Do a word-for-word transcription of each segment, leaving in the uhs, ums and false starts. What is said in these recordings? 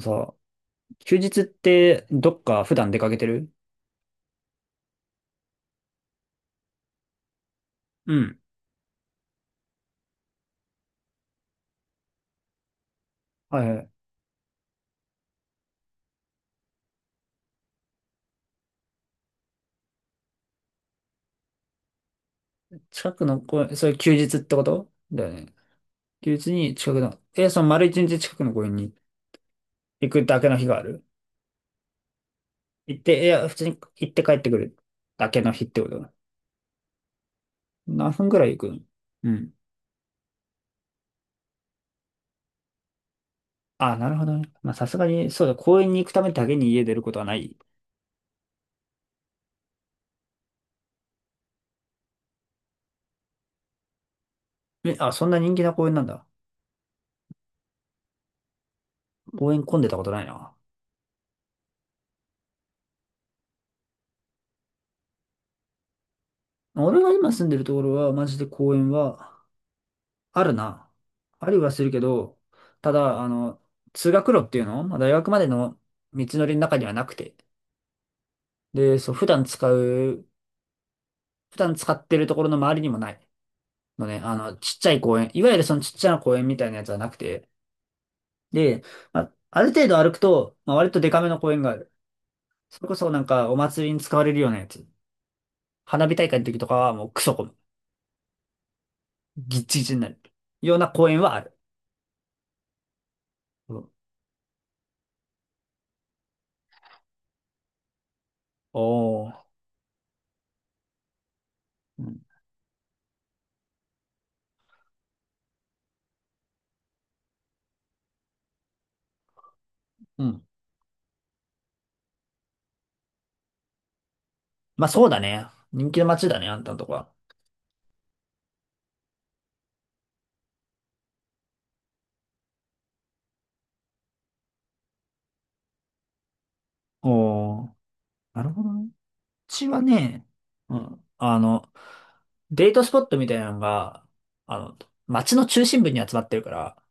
さ、休日ってどっか普段出かけてる？うん。はいはい。近くの公園、それ休日ってことだよね？休日に近くの、え、その丸一日近くの公園に行くだけの日がある？行って、いや、普通に行って帰ってくるだけの日ってこと？何分くらい行くの？うん。あ、なるほどね。まあ、さすがに、そうだ、公園に行くためだけに家出ることはない。え、あ、そんな人気な公園なんだ。公園混んでたことないな。俺が今住んでるところは、マジで公園は、あるな。ありはするけど、ただ、あの、通学路っていうの、まあ、大学までの道のりの中にはなくて。で、そう、普段使う、普段使ってるところの周りにもないのね、あの、ちっちゃい公園、いわゆるそのちっちゃな公園みたいなやつはなくて。で、まあ、ある程度歩くと、まあ、割とデカめの公園がある。それこそなんかお祭りに使われるようなやつ。花火大会の時とかはもうクソ混む。ギッチギチになる。ような公園はある。うん。おー。うん。うん。まあそうだね。人気の街だね、あんたのとこは。おー、なるほどね。うちはね、うん、あの、デートスポットみたいなのが、あの、街の中心部に集まってるから、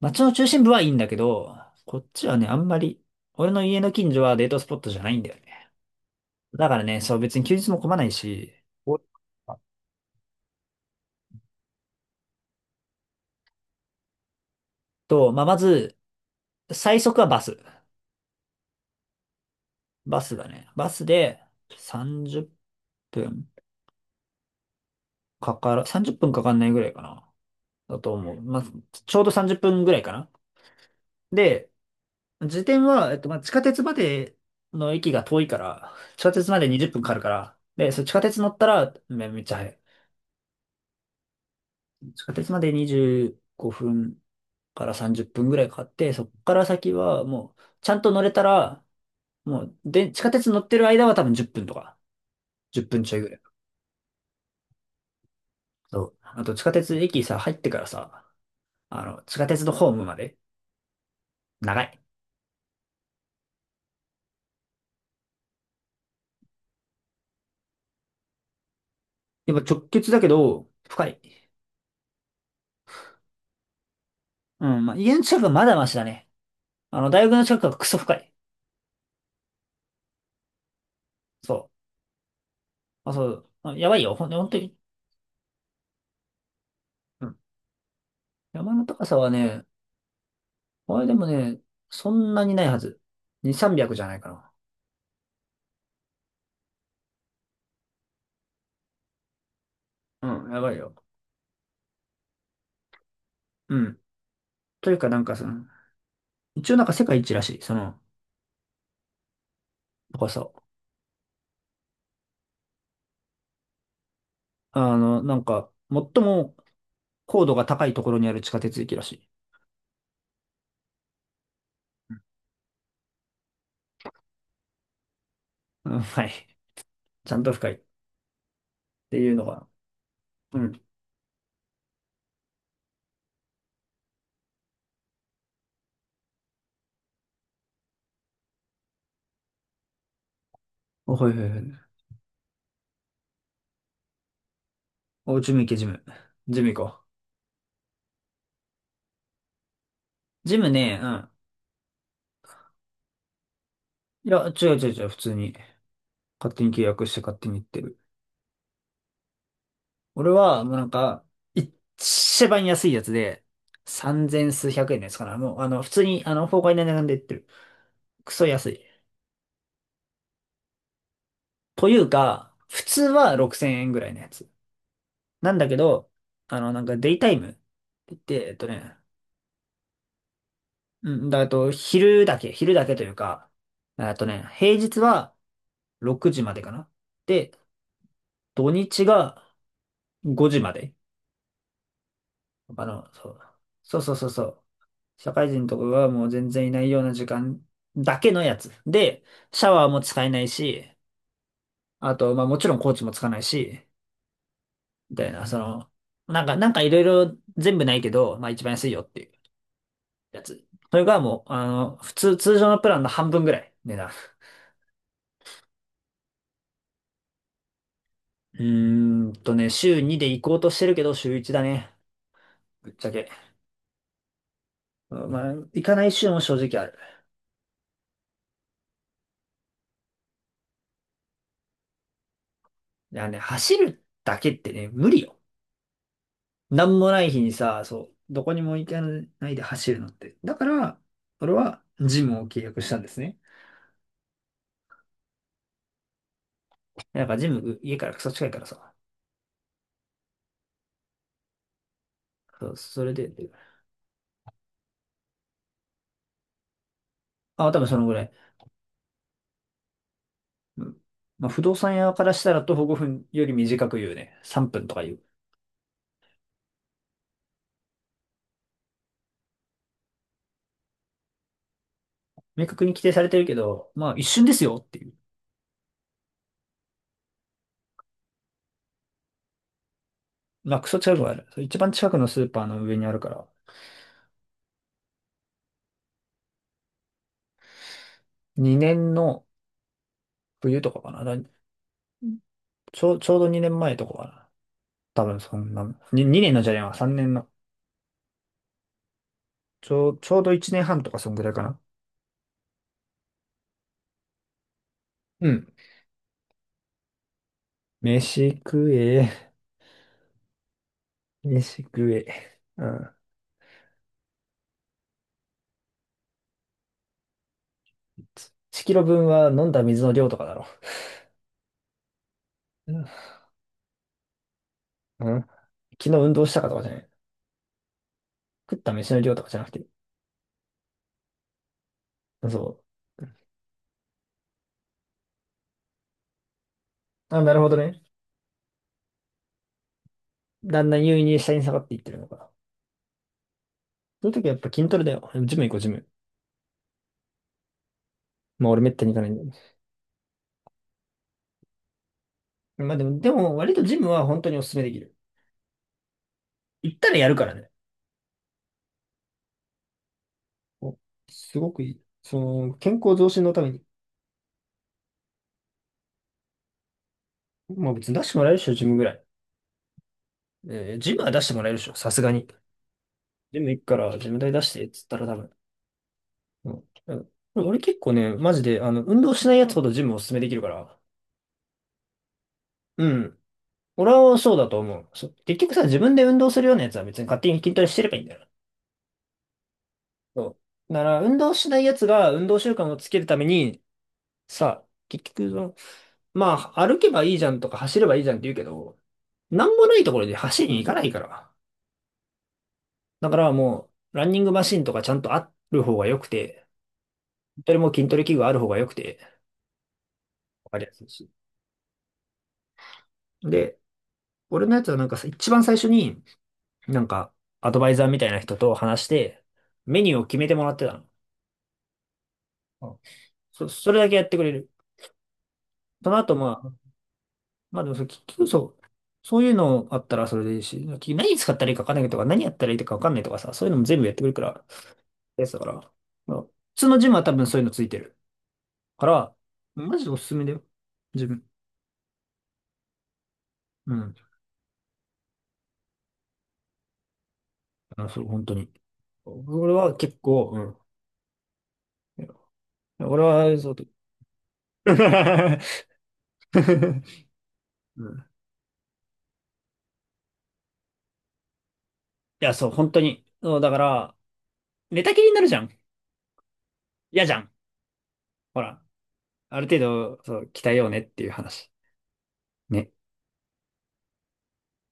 街の中心部はいいんだけど、こっちはね、あんまり、俺の家の近所はデートスポットじゃないんだよね。だからね、そう別に休日も混まないし、おっと、まあ、まず、最速はバス。バスだね。バスで30分かから、さんじゅっぷんかかんないぐらいかな。だと思う。まあ、ちょうどさんじゅっぷんぐらいかな。で、時点は、えっと、まあ、地下鉄までの駅が遠いから、地下鉄までにじゅっぷんかかるから、で、それ地下鉄乗ったらめ、めっちゃ早い。地下鉄までにじゅうごふんからさんじゅっぷんぐらいかかって、そっから先はもう、ちゃんと乗れたら、もう、で、地下鉄乗ってる間は多分じゅっぷんとか、じゅっぷんちょいぐらい。そう。あと、地下鉄駅さ、入ってからさ、あの、地下鉄のホームまで、長い。やっぱ直結だけど、深い。うん、まあ、家の近くはまだマシだね。あの、大学の近くはクソ深い。そう。まあ、そう。まあやばいよ。ほん、ほんとに。うん。山の高さはね、あれでもね、そんなにないはず。に、さんびゃくじゃないかな。うん、やばいよ。うん。というか、なんかその、一応なんか世界一らしい、その高さ。あの、なんか、最も高度が高いところにある地下鉄駅らしい。うん、はい。ちゃんと深い。っていうのが。うん。お、はいはいはい。お、ジム行け、ジム。ジム行こう。ジムね、うん。いや、違う違う違う、普通に。勝手に契約して勝手に行ってる。俺は、もうなんか、一番安いやつで、さんぜん数百円のやつかな。もう、あの、普通に、あの、崩壊の値段で売ってる。クソ安い。というか、普通はろくせんえんぐらいのやつ。なんだけど、あの、なんか、デイタイムって言って、えっとね、うん、だあと、昼だけ、昼だけというか、あとね、平日はろくじまでかな。で、土日がごじまで。あの、そう。そうそうそうそう。社会人とかがもう全然いないような時間だけのやつ。で、シャワーも使えないし、あと、まあもちろんコーチもつかないし、みたいな、その、なんか、なんかいろいろ全部ないけど、まあ一番安いよっていうやつ。それがもう、あの、普通、通常のプランの半分ぐらい、値段。うーんとね、週にで行こうとしてるけど、週いちだね。ぶっちゃけ。まあ、行かない週も正直ある。いやね、走るだけってね、無理よ。なんもない日にさ、そう、どこにも行かないで走るのって。だから、俺はジムを契約したんですね。なんかジム、家からクソ近いからさ。そう、それで、あ、多分そのぐらい。うん。まあ、不動産屋からしたら徒歩ごふんより短く言うね。さんぷんとか言う。明確に規定されてるけど、まあ一瞬ですよっていう。まあクソ近くはある。そう一番近くのスーパーの上にあるから、にねんの冬とかかな。だちょう、ちょうどにねんまえとかかな。多分そんな、ににねんのじゃねえわ、さんねんの。ちょう、ちょうどいちねんはんとかそんぐらいかな。うん。飯食え、飯食え。うん。いちキロぶんは飲んだ水の量とかだろ。うん。うん。昨日運動したかとかじゃない。食った飯の量とかじゃなくて。そう。あ、なるほどね。だんだん優位に下に下がっていってるのか。そういう時はやっぱ筋トレだよ。ジム行こう、ジム。まあ俺めったに行かないんだよね。まあでも、でも割とジムは本当にお勧めできる。行ったらやるからね。お、すごくいい。その、健康増進のために。まあ別に出してもらえるでしょ、ジムぐらい。えージムは出してもらえるでしょ、さすがに。ジム行くから、ジム代出してっつったら多分。うん。うん。俺結構ね、マジで、あの、運動しないやつほどジムおすすめできるから。うん。俺はそうだと思う。そ結局さ、自分で運動するようなやつは別に勝手に筋トレしてればいいんだよな。そう。だから、運動しないやつが運動習慣をつけるために、さ、結局その、まあ、歩けばいいじゃんとか走ればいいじゃんって言うけど、なんもないところで走りに行かないから。だからもう、ランニングマシンとかちゃんとある方が良くて、筋トレも筋トレ器具ある方が良くて、わかりやすいし。で、俺のやつはなんかさ一番最初に、なんか、アドバイザーみたいな人と話して、メニューを決めてもらってたの。うん。そ、それだけやってくれる。その後、まあ、まあでもそれ、結局そう、そういうのあったらそれでいいし、結局何使ったらいいか分かんないとか、何やったらいいか分かんないとかさ、そういうのも全部やってくれるから、やつだから、まあ普通のジムは多分そういうのついてる。から、マジでおすすめだよ。自分。うん。あ、そう、本当に。俺は結構、うん。俺は、そうと。うん。いや、そう、本当に。そう、だから、寝たきりになるじゃん。嫌じゃん。ほら、ある程度、そう、鍛えようねっていう話。ね。